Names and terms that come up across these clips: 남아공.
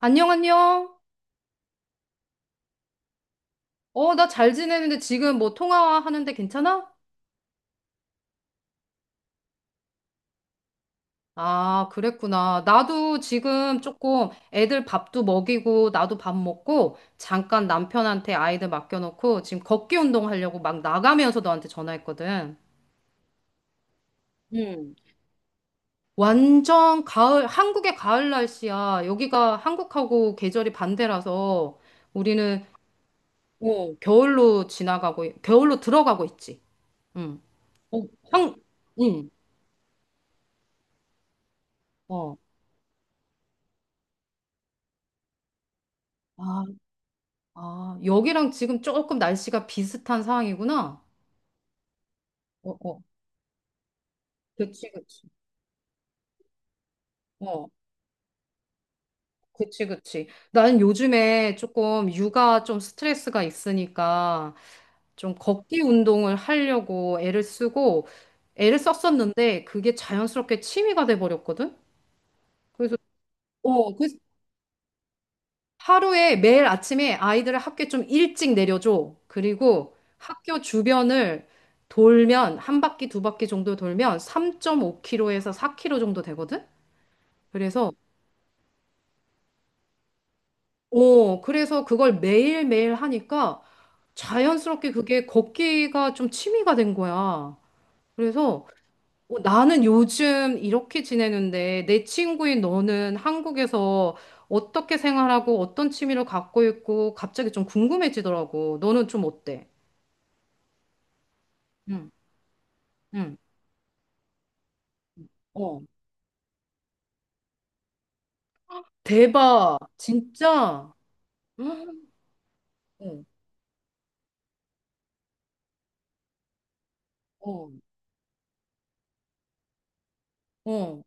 안녕, 안녕. 나 잘 지내는데 지금 뭐 통화하는데 괜찮아? 아, 그랬구나. 나도 지금 조금 애들 밥도 먹이고, 나도 밥 먹고, 잠깐 남편한테 아이들 맡겨놓고, 지금 걷기 운동 하려고 막 나가면서 너한테 전화했거든. 응, 완전 가을, 한국의 가을 날씨야. 여기가 한국하고 계절이 반대라서 우리는 겨울로 지나가고, 겨울로 들어가고 있지. 응. 어, 한, 응. 어. 아. 아, 여기랑 지금 조금 날씨가 비슷한 상황이구나. 어, 어. 그치, 그치. 어, 그치, 그치. 나는 요즘에 조금 육아 좀 스트레스가 있으니까 좀 걷기 운동을 하려고 애를 쓰고 애를 썼었는데 그게 자연스럽게 취미가 돼버렸거든? 그래서, 그래서 하루에 매일 아침에 아이들을 학교에 좀 일찍 내려줘. 그리고 학교 주변을 돌면 한 바퀴 두 바퀴 정도 돌면 3.5km에서 4km 정도 되거든? 그래서 그래서 그걸 매일매일 하니까 자연스럽게 그게 걷기가 좀 취미가 된 거야. 그래서 나는 요즘 이렇게 지내는데 내 친구인 너는 한국에서 어떻게 생활하고 어떤 취미를 갖고 있고 갑자기 좀 궁금해지더라고. 너는 좀 어때? 응, 응. 어, 대박. 진짜. 응, 어, 어, 어.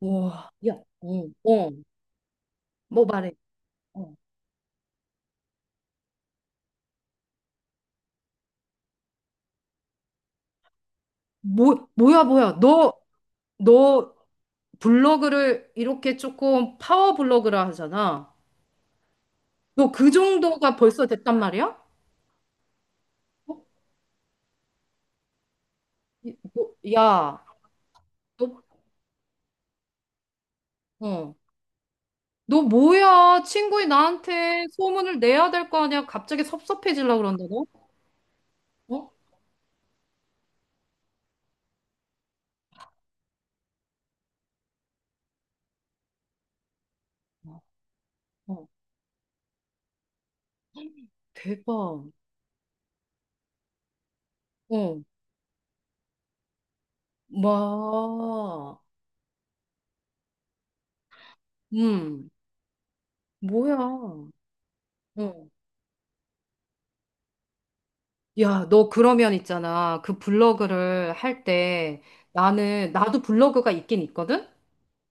와, 야, 응, 어, 뭐 말해? 어. 뭐, 뭐야, 뭐야. 너, 너 블로그를 이렇게 조금 파워 블로그라 하잖아. 너 그 정도가 벌써 됐단 말이야? 어? 야, 너, 어, 너 뭐야? 친구이 나한테 소문을 내야 될 거 아니야? 갑자기 섭섭해지려고 그런다, 너? 어? 어, 어. 대박. 어, 뭐, 음, 뭐야. 어. 야, 너 그러면 있잖아. 그 블로그를 할 때 나도 블로그가 있긴 있거든?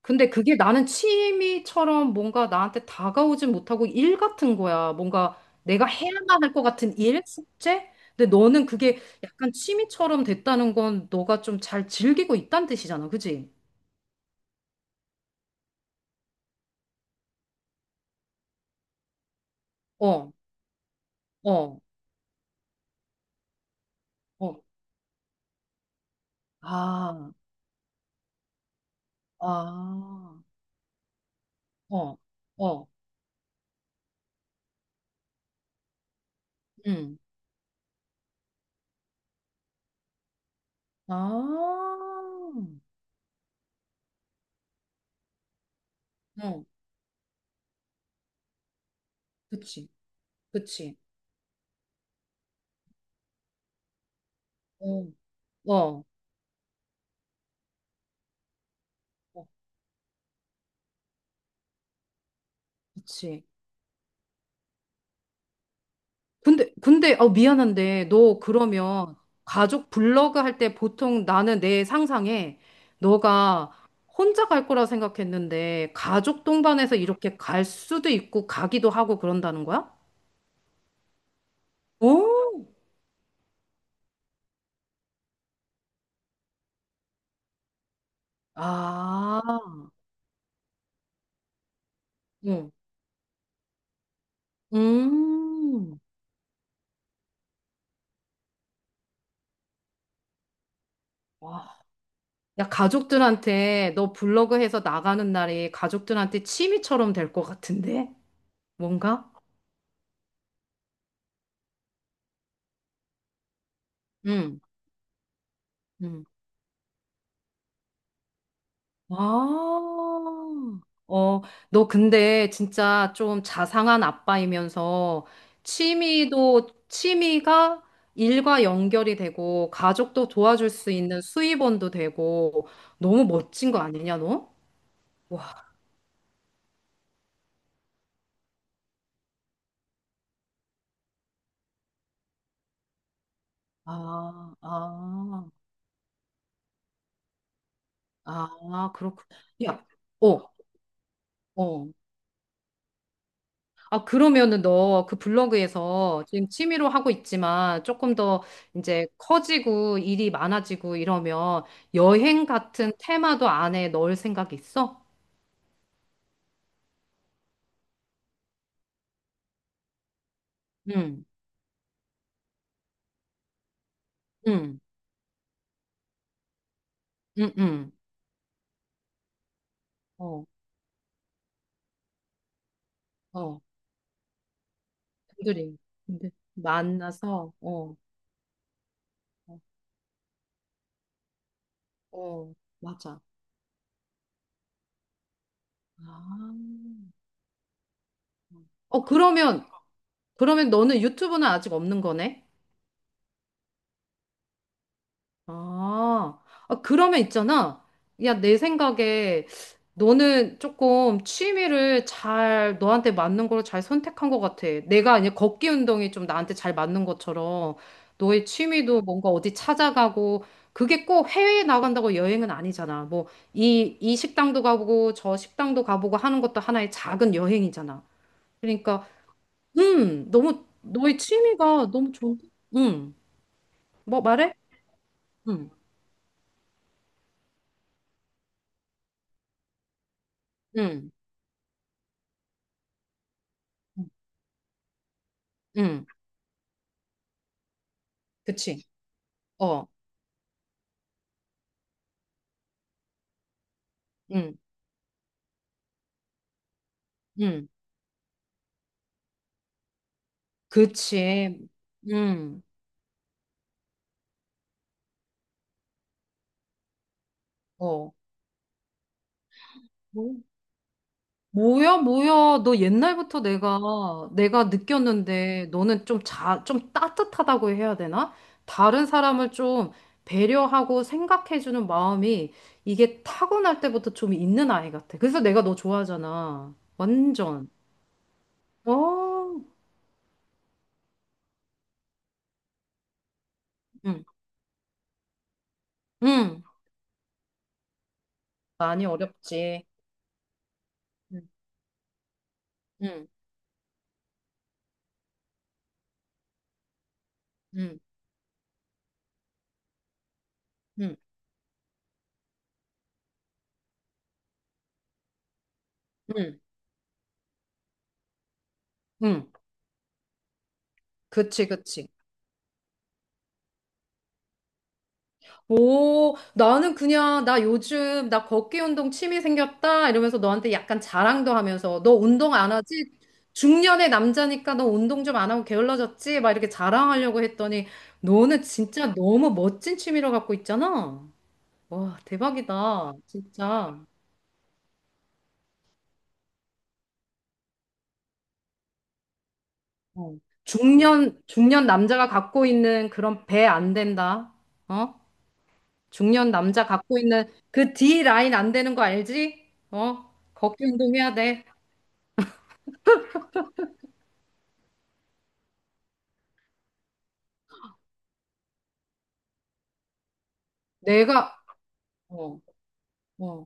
근데 그게 나는 취미처럼 뭔가 나한테 다가오진 못하고 일 같은 거야. 뭔가 내가 해야만 할 것 같은 일? 숙제? 근데 너는 그게 약간 취미처럼 됐다는 건 너가 좀 잘 즐기고 있다는 뜻이잖아. 그지? 어, 어, 어. 아, 아, 어, 어, 음. 아, 어, 그치, 그치. 어, 어, 어, 그치. 근데, 어, 미안한데, 너 그러면 가족 블로그 할 때 보통 나는 내 상상에 너가 혼자 갈 거라 생각했는데, 가족 동반해서 이렇게 갈 수도 있고, 가기도 하고 그런다는 거야? 오, 아, 응. 음. 야, 가족들한테 너 블로그 해서 나가는 날이 가족들한테 취미처럼 될 것 같은데? 뭔가? 응, 응. 아, 어, 너 근데 진짜 좀 자상한 아빠이면서 취미가 일과 연결이 되고 가족도 도와줄 수 있는 수입원도 되고 너무 멋진 거 아니냐, 너? 와, 아, 아, 아, 그렇군. 야, 어, 어. 아, 그러면은 너 그 블로그에서 지금 취미로 하고 있지만 조금 더 이제 커지고 일이 많아지고 이러면 여행 같은 테마도 안에 넣을 생각 있어? 응, 응, 응, 응. 어, 어. 분들이 분들 만나서, 어, 어, 어, 맞아. 아. 어, 그러면, 그러면 너는 유튜브는 아직 없는 거네? 아, 아, 그러면 있잖아. 야, 내 생각에 너는 조금 취미를 잘, 너한테 맞는 걸 잘 선택한 것 같아. 내가 이제 걷기 운동이 좀 나한테 잘 맞는 것처럼 너의 취미도 뭔가 어디 찾아가고 그게 꼭 해외에 나간다고 여행은 아니잖아. 뭐, 이 식당도 가보고 저 식당도 가보고 하는 것도 하나의 작은 여행이잖아. 그러니까, 너무, 너의 취미가 너무 좋은, 음, 뭐 말해? 음, 음, 음. 음. 그치. 어, 응, 응. 그치. 응, 어. 뭐- 뭐야, 뭐야. 너 옛날부터 내가 느꼈는데, 너는 좀 따뜻하다고 해야 되나? 다른 사람을 좀 배려하고 생각해주는 마음이 이게 타고날 때부터 좀 있는 아이 같아. 그래서 내가 너 좋아하잖아. 완전. 어, 응, 응. 많이 어렵지. 응, 응, 응, 응, 응. 응. 그치, 그치. 오, 나는 그냥, 나 요즘, 나 걷기 운동 취미 생겼다? 이러면서 너한테 약간 자랑도 하면서, 너 운동 안 하지? 중년의 남자니까 너 운동 좀 안 하고 게을러졌지? 막 이렇게 자랑하려고 했더니, 너는 진짜 너무 멋진 취미를 갖고 있잖아? 와, 대박이다. 진짜. 어. 중년 남자가 갖고 있는 그런 배 안 된다. 어? 중년 남자 갖고 있는 그 D 라인 안 되는 거 알지? 어? 걷기 운동 해야 돼. 내가 어, 어.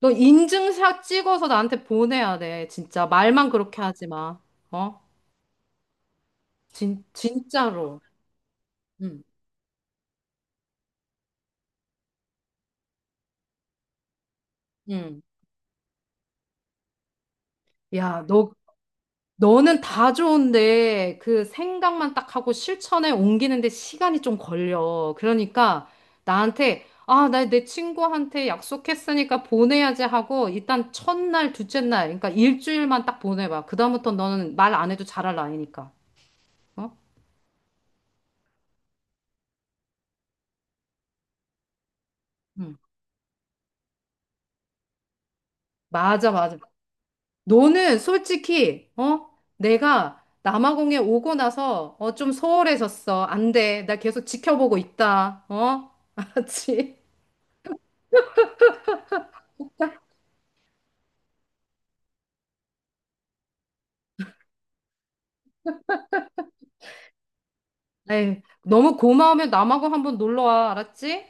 너 인증샷 찍어서 나한테 보내야 돼. 진짜 말만 그렇게 하지 마. 어? 진 진짜로. 응. 응. 야, 너 너는 다 좋은데 그 생각만 딱 하고 실천에 옮기는데 시간이 좀 걸려. 그러니까 나한테 아, 나 내 친구한테 약속했으니까 보내야지 하고 일단 첫날, 둘째 날, 그러니까 일주일만 딱 보내봐. 그다음부터 너는 말 안 해도 잘할 나이니까. 어? 응. 맞아, 맞아. 너는 솔직히, 어? 내가 남아공에 오고 나서, 어, 좀 소홀해졌어. 안 돼. 나 계속 지켜보고 있다. 어? 알았지? 에이, 너무 고마우면 남아공 한번 놀러 와. 알았지?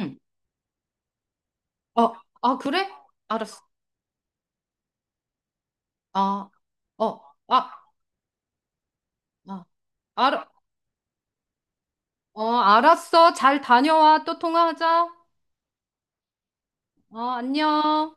응. 어, 아, 그래? 알았어. 아, 어, 아, 아, 알, 어, 알았어. 잘 다녀와. 또 통화하자. 어, 안녕.